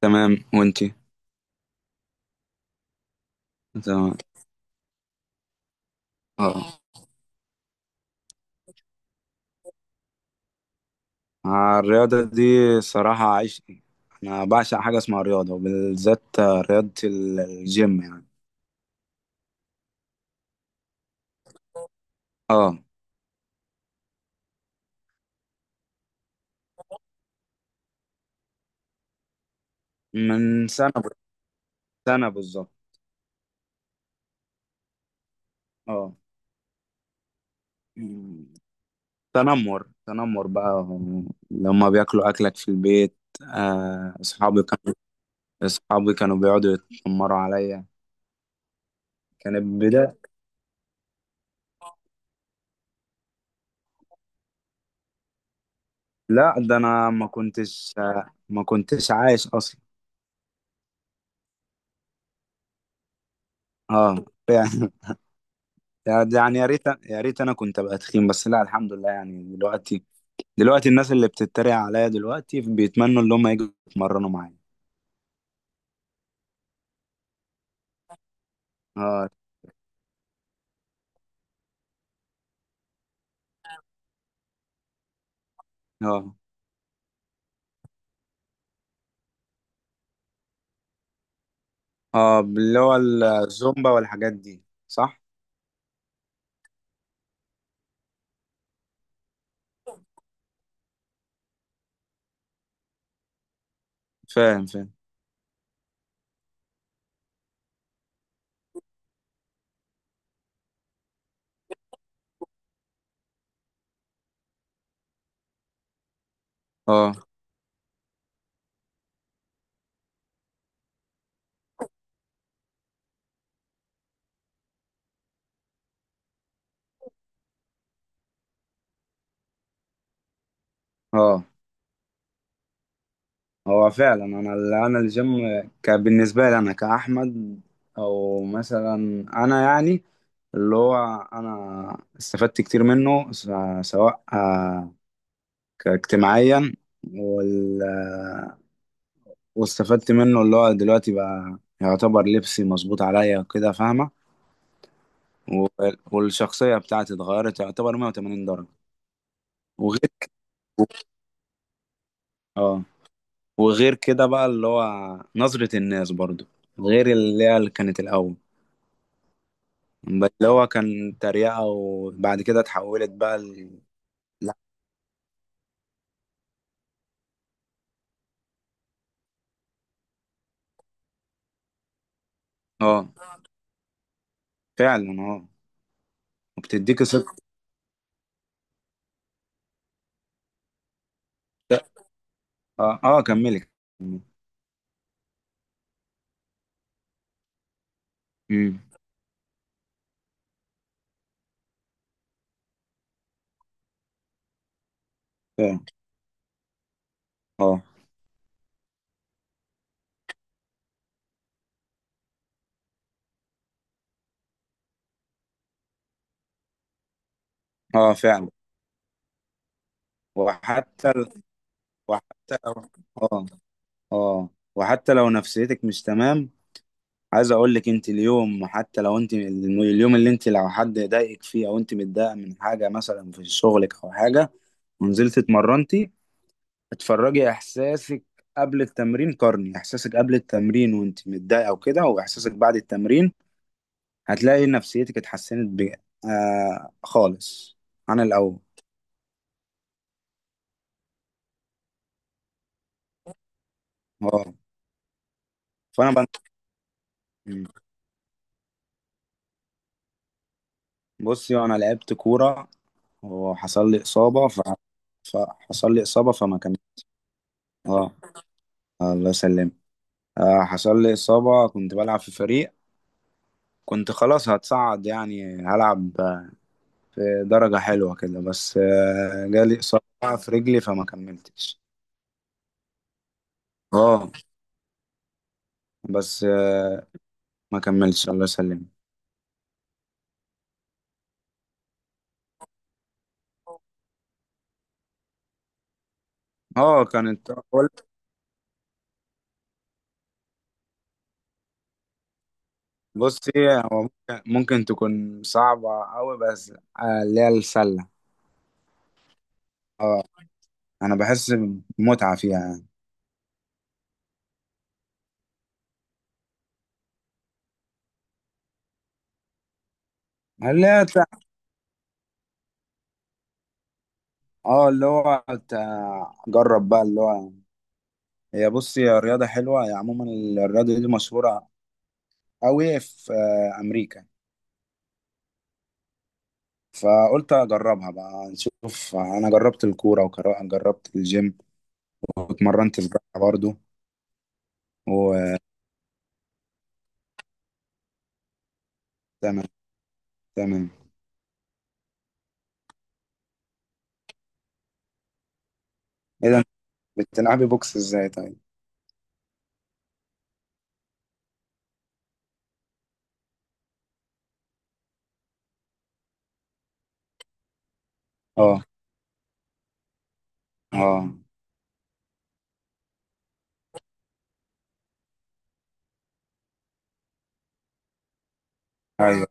تمام وانتي. تمام. اه. الرياضة دي صراحة عشقي. أنا بعشق حاجة اسمها رياضة وبالذات رياضة الجيم يعني. اه. من سنة سنة بالظبط. اه. مم. تنمر تنمر بقى لما بياكلوا أكلك في البيت. آه، أصحابي كانوا أصحابي كانوا بيقعدوا يتنمروا عليا. كانت بداية. لا، ده أنا ما كنتش عايش أصلا. اه. يعني يا ريت يا ريت انا كنت ابقى تخين، بس لا، الحمد لله يعني دلوقتي الناس اللي بتتريق عليا دلوقتي بيتمنوا ان هم يجوا يتمرنوا معايا. اه، اه، اه. اللي هو الزومبا والحاجات دي، صح؟ فاهم فاهم. اه، اه. هو فعلا انا الجيم كان بالنسبه لي انا كاحمد، او مثلا انا يعني اللي هو انا استفدت كتير منه سواء كاجتماعيا وال واستفدت منه. اللي هو دلوقتي بقى يعتبر لبسي مظبوط عليا وكده، فاهمة. و- والشخصية بتاعتي اتغيرت يعتبر 180 درجة. وغير. اه. وغير كده بقى اللي هو نظرة الناس برضو، غير اللي هي اللي كانت الأول. بس اللي هو كان تريقة وبعد كده اتحولت بقى لا. اه، فعلا، اه. وبتديك ثقة. اه، اه، كملي. امم. اه، اه. اه، فعلا. وحتى ال... وحتى اه اه وحتى لو نفسيتك مش تمام، عايز اقول لك انت اليوم، حتى لو انت اليوم اللي انت، لو حد ضايقك فيه او انت متضايقه من حاجه مثلا في شغلك او حاجه، ونزلت اتمرنتي، اتفرجي احساسك قبل التمرين، قارني احساسك قبل التمرين وانت متضايقه وكده، واحساسك بعد التمرين. هتلاقي نفسيتك اتحسنت ب... آه خالص عن الاول. اه. فانا بن... بصي انا لعبت كوره وحصل لي اصابه ف... فحصل لي اصابه فما كملتش. اه. الله يسلم. حصل لي إصابة، كنت بلعب في فريق، كنت خلاص هتصعد يعني، هلعب في درجة حلوة كده، بس جالي إصابة في رجلي فما كملتش. اه. بس ما كملتش، الله يسلم. اه. كانت قلت بصي، هو ممكن تكون صعبة أوي، بس اللي هي السلة. اه. أنا بحس بمتعة فيها يعني. اللي هي تع- اه، جرب بقى اللي هو، هي بص هي رياضة حلوة، هي عموما الرياضة دي مشهورة أوي في أمريكا. فقلت أجربها بقى نشوف. أنا جربت الكورة وجربت الجيم واتمرنت سباحة برضو. وتمام، تمام. إيه ده، أنت بتلعبي بوكس إزاي طيب؟ أه، أه. أيوه،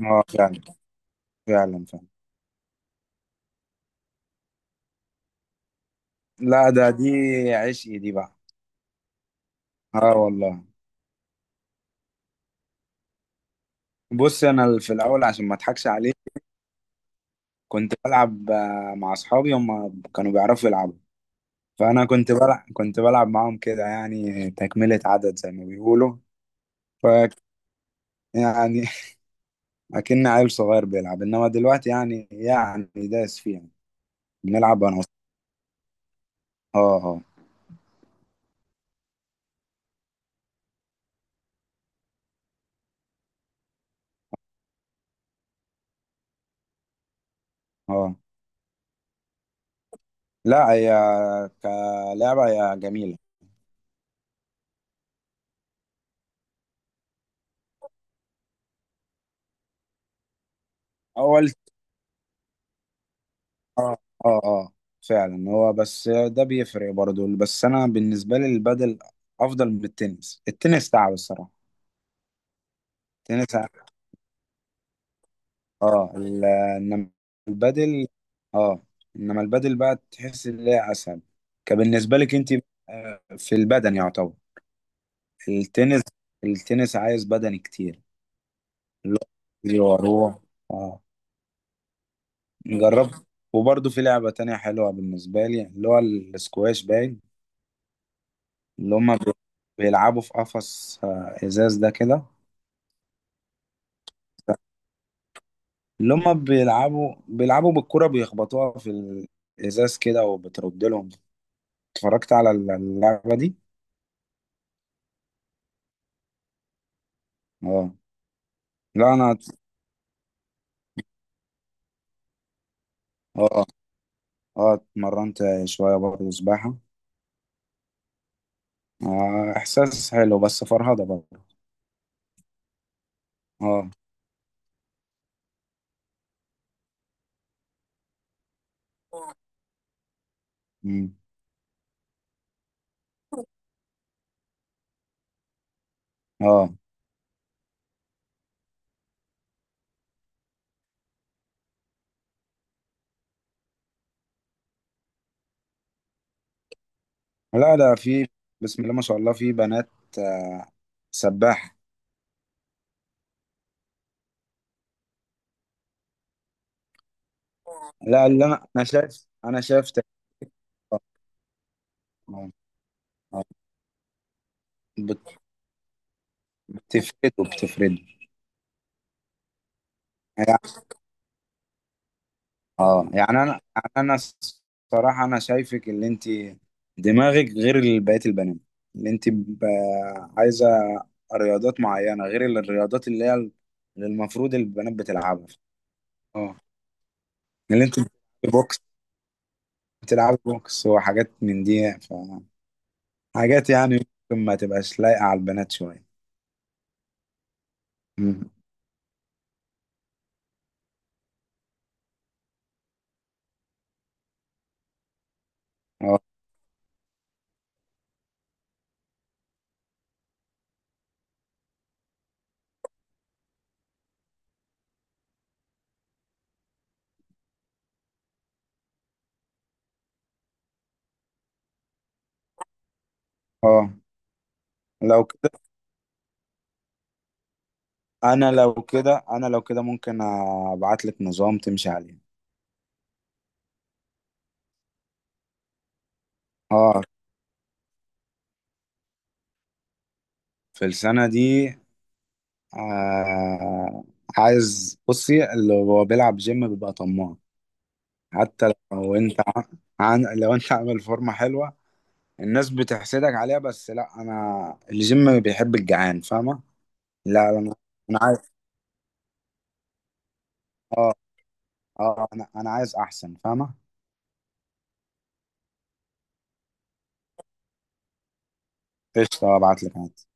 أه، فعلا، فعلا، فعلا. لا، ده دي عشقي دي بقى. أه والله. بص، أنا في الأول، عشان ما أضحكش عليك، كنت بلعب مع أصحابي، هم كانوا بيعرفوا يلعبوا. فانا كنت بلعب معاهم كده يعني، تكملة عدد زي ما بيقولوا. ف يعني اكن عيل صغير بيلعب، انما دلوقتي يعني داس فيها. بنلعب انا اه، اه، اه. لا، هي كلعبة هي جميلة. اول. اه، اه، اه، فعلا. هو بس ده بيفرق برضه، بس انا بالنسبة لي البادل افضل من التنس. التنس تعب الصراحة. التنس، اه، انما البدل. اه انما البدل بقى تحس ان هي اسهل، كبالنسبه لك انت، في البدن يعتبر. التنس التنس عايز بدني كتير. اللي هو واروح. اه، جربت. وبرضه في لعبه تانية حلوه بالنسبه لي، اللي هو السكواش، باين. اللي هم بيلعبوا في قفص ازاز ده كده. اللي هم بيلعبوا بالكرة، بيخبطوها في الإزاز كده وبترد لهم. اتفرجت على اللعبة دي. اه. لا، انا اه، اه، اتمرنت شويه برضه سباحه. احساس حلو، بس فرهضه برضه. اه. مم. اه. لا، ده في، بسم الله ما شاء الله، في بنات آه سباحه. لا، اللي انا، انا شايف انا شايف ت- اه اه آه. بت- بتفرده بتفرده. يعني- اه، يعني انا الصراحه انا شايفك اللي انت دماغك غير بقية البنات. اللي انت عايزة رياضات معينة، غير الرياضات اللي هي اللي المفروض البنات بتلعبها. اه. اللي انت بوكس، بتلعب بوكس وحاجات من دي، ف حاجات يعني ممكن ما تبقاش لايقة على البنات شوية. مم. اه، اه. لو كده انا لو كده ممكن ابعت لك نظام تمشي عليه. اه، في السنة دي. آه عايز، بصي اللي هو بيلعب جيم بيبقى طماع. حتى لو انت عامل فورمه حلوه الناس بتحسدك عليها، بس لا، انا الجيم بيحب الجعان، فاهمه. لا، لا، انا، انا عايز اه اه انا انا عايز احسن، فاهمه. قشطه، ابعت لك عادي.